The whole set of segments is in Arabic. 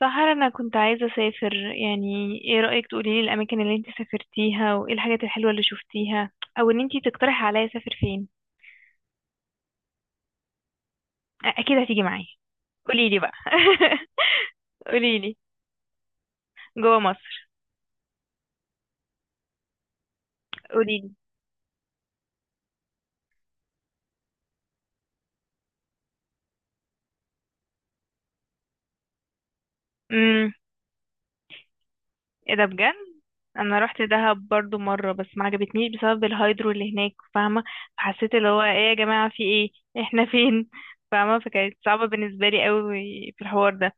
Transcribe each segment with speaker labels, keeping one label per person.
Speaker 1: سحر، انا كنت عايزه اسافر، يعني ايه رايك؟ تقولي لي الاماكن اللي انت سافرتيها وايه الحاجات الحلوه اللي شفتيها، او ان انت تقترحي عليا اسافر فين. اكيد هتيجي معايا. قولي لي بقى. قولي لي. جوه مصر. قولي لي. امم. ايه ده بجد؟ انا رحت دهب برضو مره، بس ما عجبتنيش بسبب الهايدرو اللي هناك، فاهمه؟ فحسيت اللي هو ايه يا جماعه، في ايه، احنا فين؟ فاهمه؟ فكانت صعبه بالنسبه لي قوي في الحوار ده.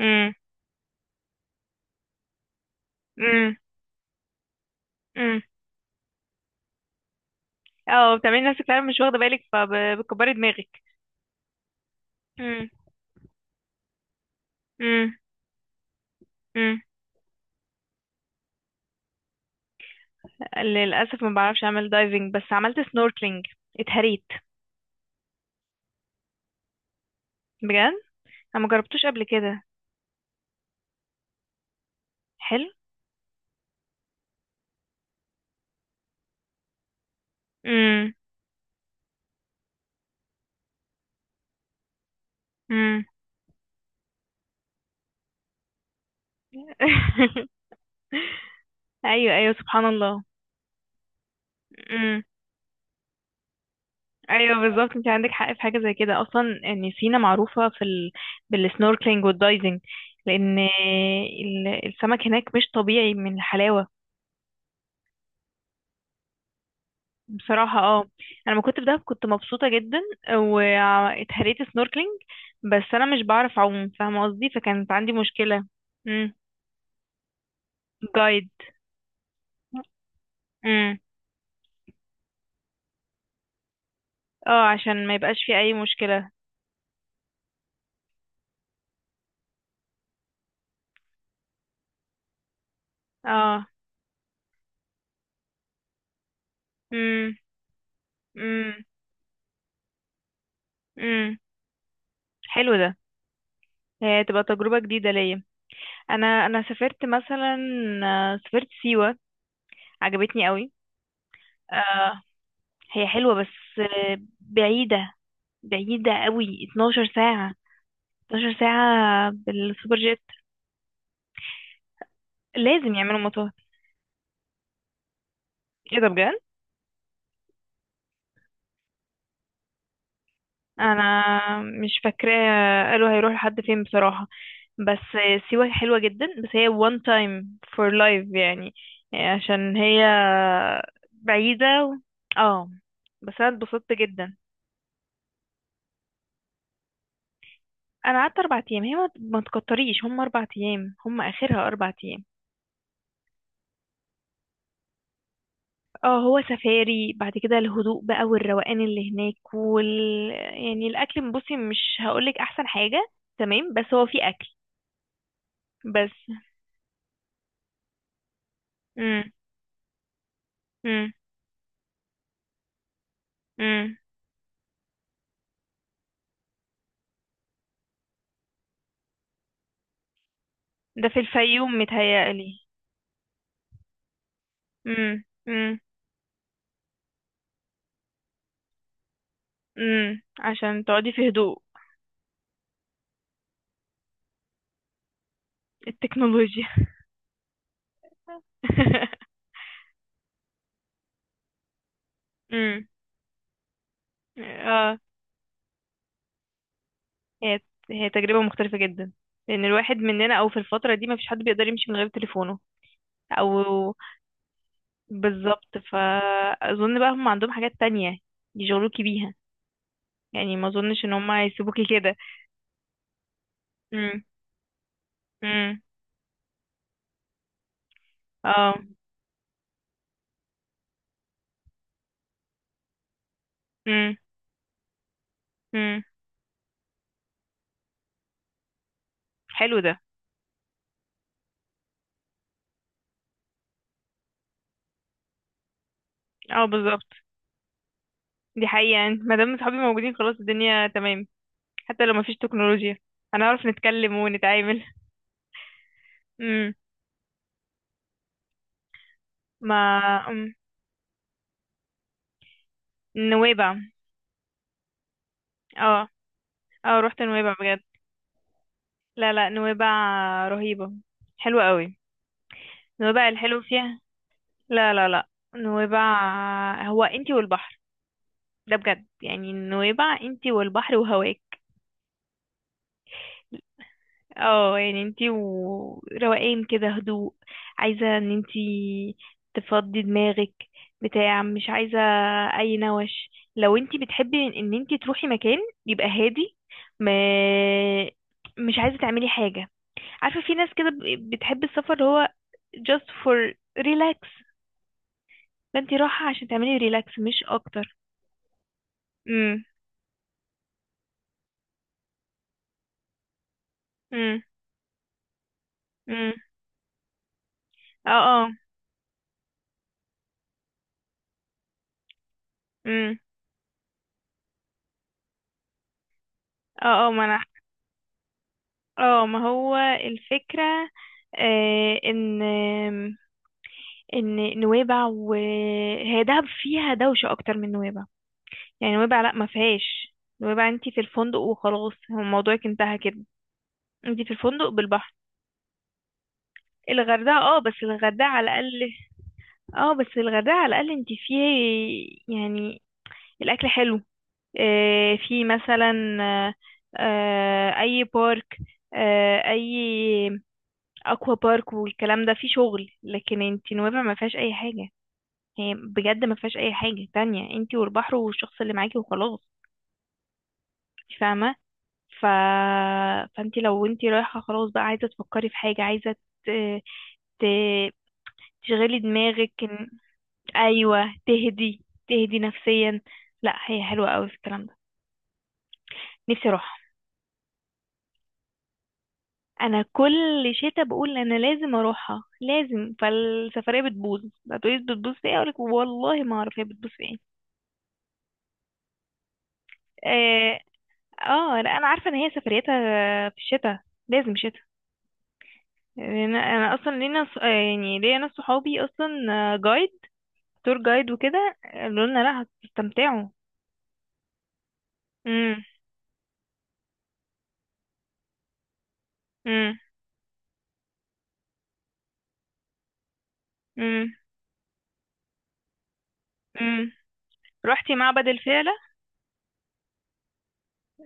Speaker 1: امم. امم. امم. اه، بتعملي نفسك فعلا مش واخده بالك، فبتكبري دماغك. امم. امم. امم. للاسف ما بعرفش اعمل دايفنج، بس عملت سنوركلينج. اتهريت. بجد؟ انا ما جربتوش قبل كده. حلو. امم. امم. ايوه، ايوه، سبحان الله. امم. ايوه، بالظبط، انت عندك حق. في حاجه زي كده اصلا، ان سينا معروفه في ال... بالسنوركلينج والدايفنج. لان السمك هناك مش طبيعي من الحلاوه. بصراحة، اه. انا لما كنت في دهب كنت مبسوطة جدا. واتهريت سنوركلينج. بس انا مش بعرف اعوم، فاهمة قصدي؟ فكانت عندي مشكلة. امم. جايد. امم. اه، عشان ما يبقاش في اي مشكلة. اه. امم. امم. امم. حلو ده. هي تبقى تجربة جديدة ليا. انا سافرت مثلا. سافرت سيوة. عجبتني قوي. آه. هي حلوة، بس... بعيدة. بعيدة قوي. 12 ساعة. 12 ساعة بالسوبر جيت. لازم يعملوا مطاهي. ايه ده بجد؟ انا مش فاكراه، قالوا هيروحوا لحد فين بصراحة. بس... سيوة حلوة جدا، بس هي one time for life يعني. عشان هي بعيدة و... اه. بس انا اتبسطت جدا. انا قعدت اربع ايام، هي ما تكتريش، هم اربع ايام، هم اخرها اربع ايام. اه، هو سفاري بعد كده، الهدوء بقى والروقان اللي هناك وال... يعني الاكل، بصي، مش هقولك احسن حاجة. تمام، بس هو في اكل. بس... امم. امم. ده في الفيوم متهيألي. امم. امم. امم. عشان تقعدي في هدوء. التكنولوجيا. امم. اه. هي... هي تجربة مختلفة جدا. لأن الواحد مننا، أو في الفترة دي، مفيش حد بيقدر يمشي من غير تليفونه. أو... بالظبط، فأظن بقى هم عندهم حاجات تانية يشغلوكي بيها. يعني ما أظنش إن هم هيسيبوكي كده. امم. امم. اه. امم. امم. حلو ده. اه، بالظبط. دي حقيقة، يعني ما دام صحابي موجودين خلاص الدنيا تمام. حتى لو مفيش تكنولوجيا، هنعرف نتكلم ونتعامل. امم. ما... أم. نويبع. اه، اه، رحت نويبع بجد. لا، لا، نويبع. رهيبة. حلوة قوي. نويبع الحلو فيها... لا، لا، لا. نويبع. هو انتي والبحر. ده بجد، يعني نويبع، انتي والبحر وهواك. اه، يعني انتي وروقان كده، هدوء. عايزة ان انتي تفضي دماغك. بتاع، مش عايزة... اي نوش، لو انتي بتحبي إن انتي تروحي مكان، يبقى هادي. ما... مش عايزة تعملي حاجة. عارفة في ناس كده بتحب السفر، اللي هو just for relax. فانتي رايحة عشان تعملي ريلاكس مش اكتر. امم. امم. امم. اه، اه. امم. اه، اه. ما انا... اه، ما هو الفكرة. آه ان ان نويبع، وهي دهب فيها دوشة اكتر من نويبع. يعني نويبع لا، ما فيهاش. نويبع انتي في الفندق وخلاص، هو موضوعك انتهى كده. انتي في الفندق بالبحر. الغردقة، اه، بس الغردقة على الأقل... اه، بس الغردقة على الأقل انتي فيه. يعني الأكل حلو. اه، في مثلا... اه. اه، أي بارك. اه، أي أكوا بارك والكلام ده فيه شغل، لكن انتي نويبع ما فيهاش أي حاجة. هي بجد ما فيهاش أي حاجة تانية، انتي والبحر والشخص اللي معاكي وخلاص. فاهمة. ف... فانت لو انت رايحة خلاص بقى عايزة تفكري في حاجة، عايزة ت... ت... تشغلي دماغك إن... ايوه، تهدي. تهدي نفسيا. لا، هي حلوة قوي في الكلام ده. نفسي اروح. انا كل شتا بقول انا لازم اروحها لازم، فالسفرية بتبوظ. هتقولي بتبوظ في ايه؟ اقولك والله ما اعرف هي بتبوظ في ايه. اه. لا، انا عارفة ان هي سفريتها في الشتا. لازم شتا. لأن انا اصلا لينا يعني ليا ناس صحابي اصلا جايد، تور جايد وكده، قالوا لنا لا هتستمتعوا. امم. امم. امم. امم. رحتي معبد الفيلة؟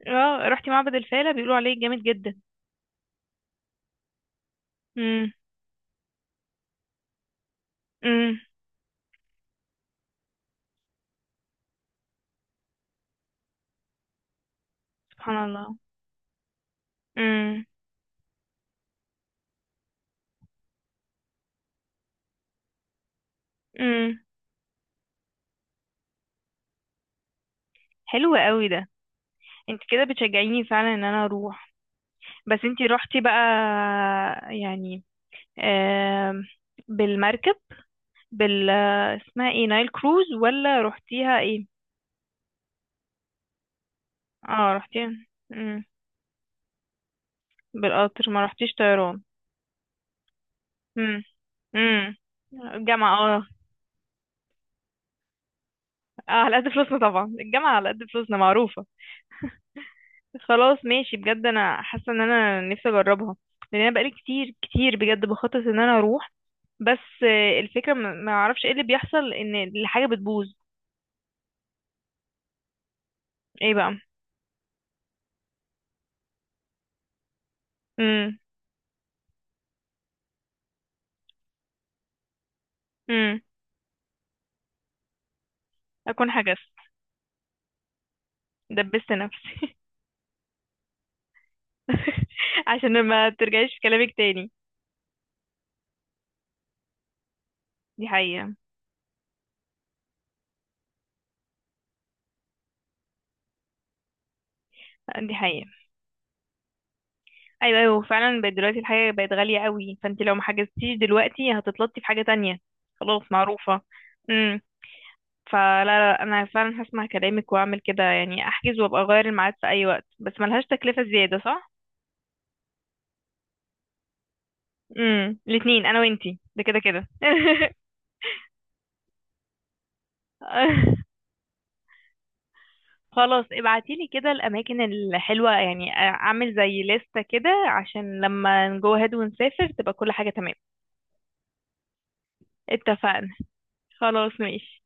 Speaker 1: اه، رحتي معبد الفيلة، بيقولوا عليه جامد جدا. امم. امم. سبحان الله. امم. امم. حلو قوي ده. انت كده بتشجعيني فعلا ان انا اروح. بس انت رحتي بقى، يعني، آم، بالمركب، بال... اسمها ايه، نايل كروز؟ ولا رحتيها ايه؟ اه، رحتيها. امم. بالقطر؟ ما رحتيش طيران؟ امم. امم. الجامعة، اه. اه، على قد فلوسنا، طبعا الجامعة على قد فلوسنا معروفة. خلاص ماشي، بجد انا حاسة ان انا نفسي اجربها. لان انا بقالي كتير كتير بجد بخطط ان انا اروح. بس الفكرة ما اعرفش ايه اللي بيحصل ان الحاجة بتبوظ. ايه بقى؟ امم. امم. اكون حجزت. دبست نفسي. عشان ما ترجعيش في كلامك تاني. دي حقيقة. دي حقيقة. ايوه، ايوه، فعلا بقت دلوقتي الحاجه بقت غاليه قوي، فانت لو ما حجزتيش دلوقتي هتتلطي في حاجه تانية. خلاص معروفه. امم. فلا لا، انا فعلا هسمع كلامك واعمل كده، يعني احجز وابقى اغير الميعاد في اي وقت، بس ملهاش تكلفه زياده، صح؟ امم. الاثنين انا وانتي ده كده كده. خلاص ابعتيلي كده الاماكن الحلوه، يعني اعمل زي لستة كده عشان لما نجو هاد ونسافر تبقى كل حاجه تمام. اتفقنا. خلاص ماشي.